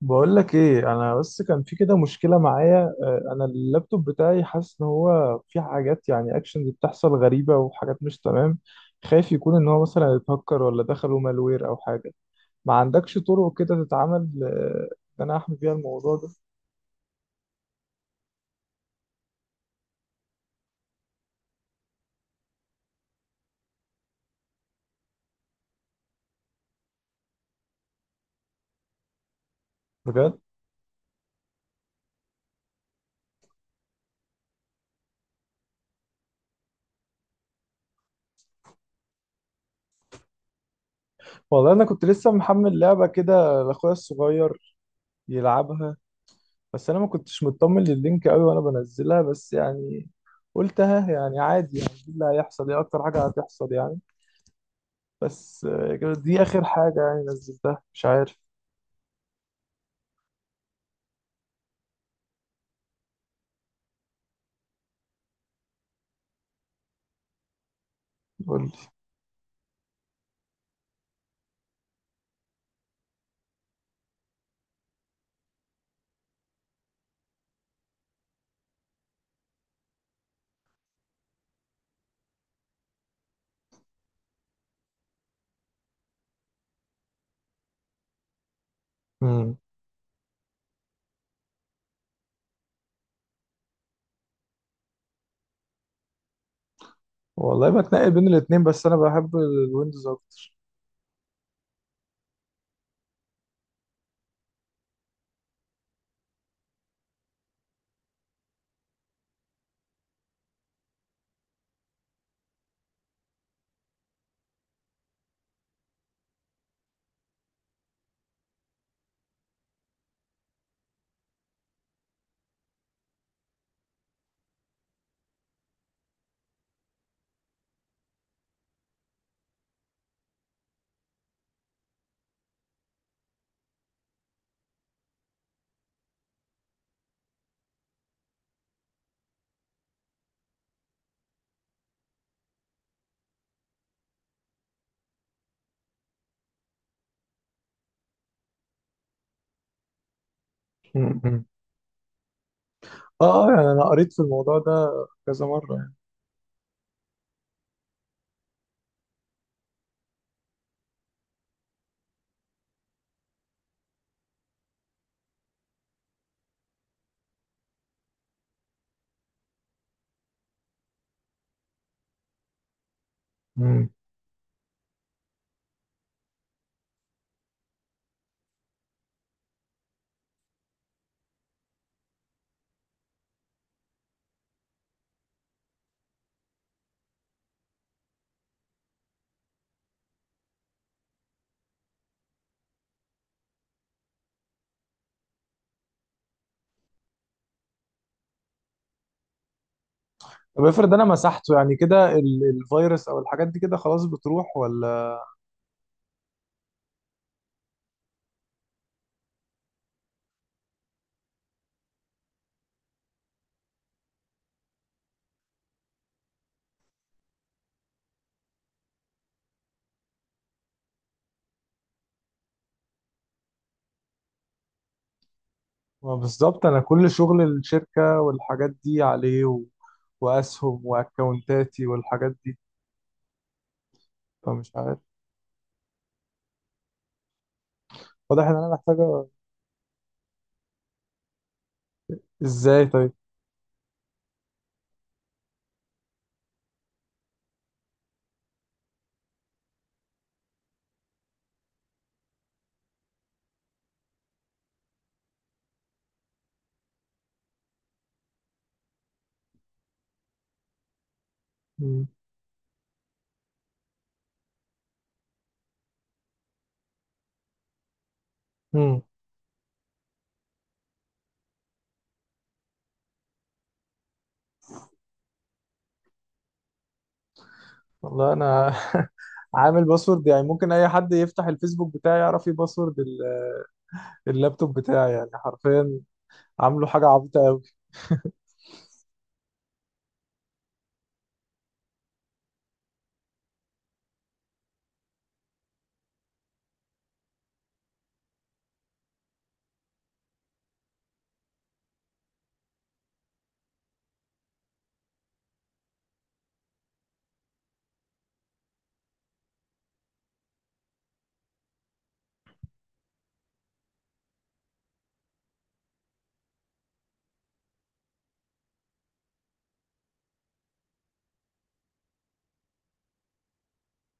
بقول لك ايه. انا بس كان في كده مشكله معايا، انا اللابتوب بتاعي حاسس ان هو في حاجات يعني اكشنز بتحصل غريبه وحاجات مش تمام. خايف يكون ان هو مثلا اتهكر ولا دخلوا مالوير او حاجه. ما عندكش طرق كده تتعامل، ان انا احمي بيها الموضوع ده؟ بجد. والله انا كنت لسه محمل لعبه كده لاخويا الصغير يلعبها، بس انا ما كنتش مطمن لللينك قوي وانا بنزلها، بس يعني قلتها يعني عادي، يعني إيه اللي هيحصل؟ ايه اكتر حاجه هتحصل يعني؟ بس كانت دي اخر حاجة يعني نزلتها، مش عارف. قول لي. مم. والله بتنقل بين الاتنين، بس انا بحب الويندوز اكتر. مم. مم. اه اه، يعني انا قريت في الموضوع ده كذا مرة يعني. مم. طب افرض انا مسحته يعني، كده الفيروس او الحاجات دي كده خلاص بتروح ولا؟ ما بالظبط انا كل شغل الشركة والحاجات دي عليه و... واسهم واكونتاتي والحاجات دي. فمش عارف، واضح ان انا محتاجة. ازاي طيب؟ مم. مم. والله انا عامل باسورد يعني ممكن اي حد يفتح الفيسبوك بتاعي يعرف ايه باسورد اللابتوب بتاعي، يعني حرفيا عامله حاجه عبيطه قوي.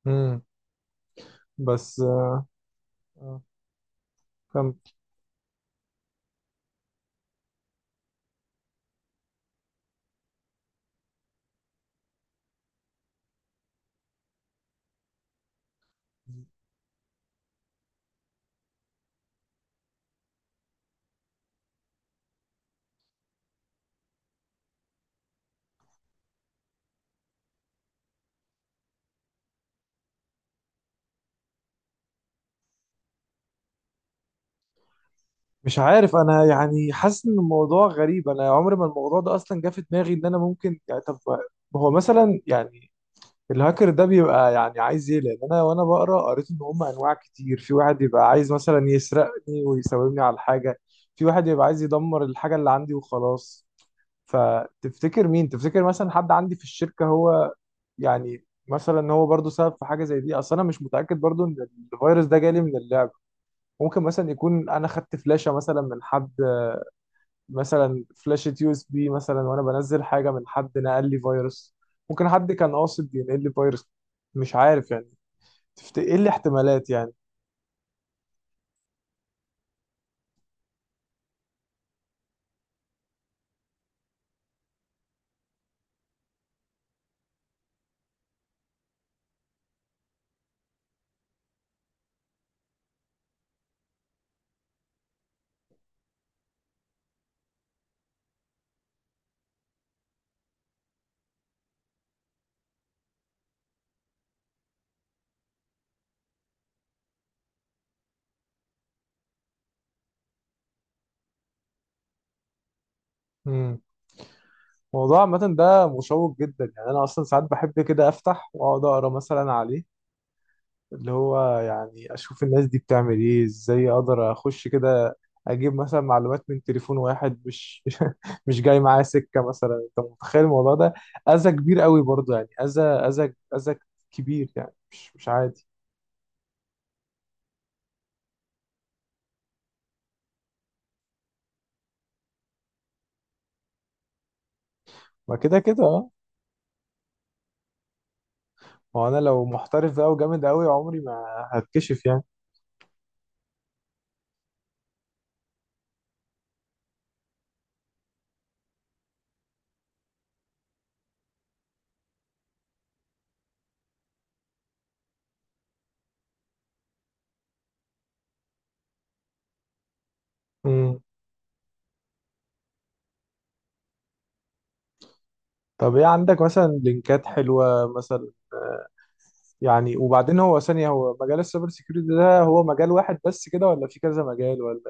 امم بس، آه، كم. مش عارف انا، يعني حاسس ان الموضوع غريب. انا عمري ما الموضوع ده اصلا جه في دماغي. ان انا ممكن يعني، طب هو مثلا يعني الهاكر ده بيبقى يعني عايز ايه؟ لان انا وانا بقرا قريت ان هم انواع كتير. في واحد يبقى عايز مثلا يسرقني ويساومني على الحاجه، في واحد يبقى عايز يدمر الحاجه اللي عندي وخلاص. فتفتكر مين؟ تفتكر مثلا حد عندي في الشركة هو يعني مثلا هو برضو سبب في حاجة زي دي؟ اصل انا مش متأكد برضو ان الفيروس ده جالي من اللعب. ممكن مثلا يكون انا خدت فلاشة مثلا من حد، مثلا فلاشة يو اس بي مثلا، وانا بنزل حاجة من حد نقل لي فيروس. ممكن حد كان قاصد ينقل لي فيروس، مش عارف يعني. ايه الاحتمالات يعني؟ امم الموضوع عامة ده مشوق جدا يعني. انا اصلا ساعات بحب كده افتح واقعد اقرا مثلا عليه، اللي هو يعني اشوف الناس دي بتعمل ايه، ازاي اقدر اخش كده اجيب مثلا معلومات من تليفون واحد مش مش جاي معاه سكه مثلا. انت متخيل الموضوع ده؟ اذى كبير قوي برضه يعني، اذى اذى اذى كبير يعني، مش مش عادي. ما كده كده اه، ما هو انا لو محترف بقى وجامد قوي عمري ما هتكشف يعني. امم طب ايه عندك مثلا لينكات حلوه مثلا يعني؟ وبعدين هو ثانيه، هو مجال السايبر سيكيورتي ده هو مجال واحد بس كده ولا في كذا مجال ولا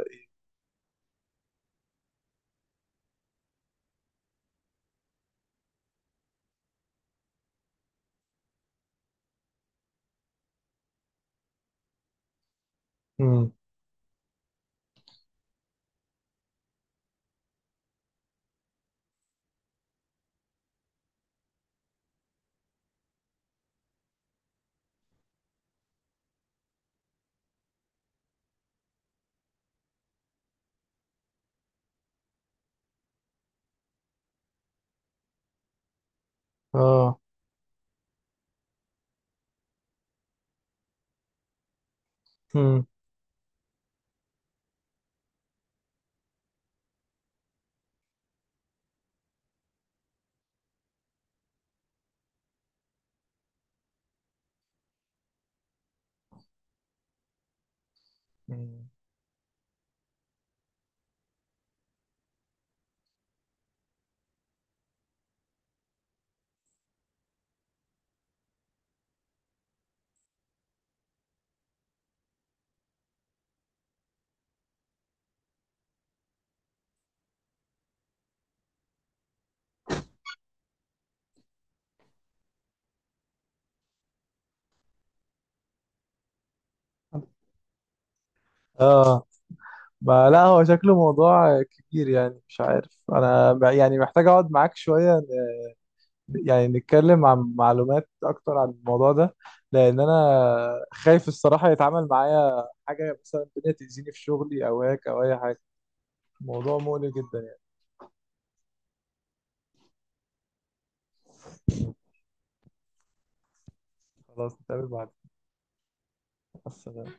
ايه؟ اه. هم. مم. اه، ما لا هو شكله موضوع كبير يعني. مش عارف انا يعني محتاج اقعد معاك شوية يعني نتكلم عن معلومات اكتر عن الموضوع ده. لان انا خايف الصراحة يتعامل معايا حاجة مثلا الدنيا تأذيني في شغلي او هيك او اي حاجة. الموضوع مقلق جدا يعني. خلاص نتقابل بعد. السلام.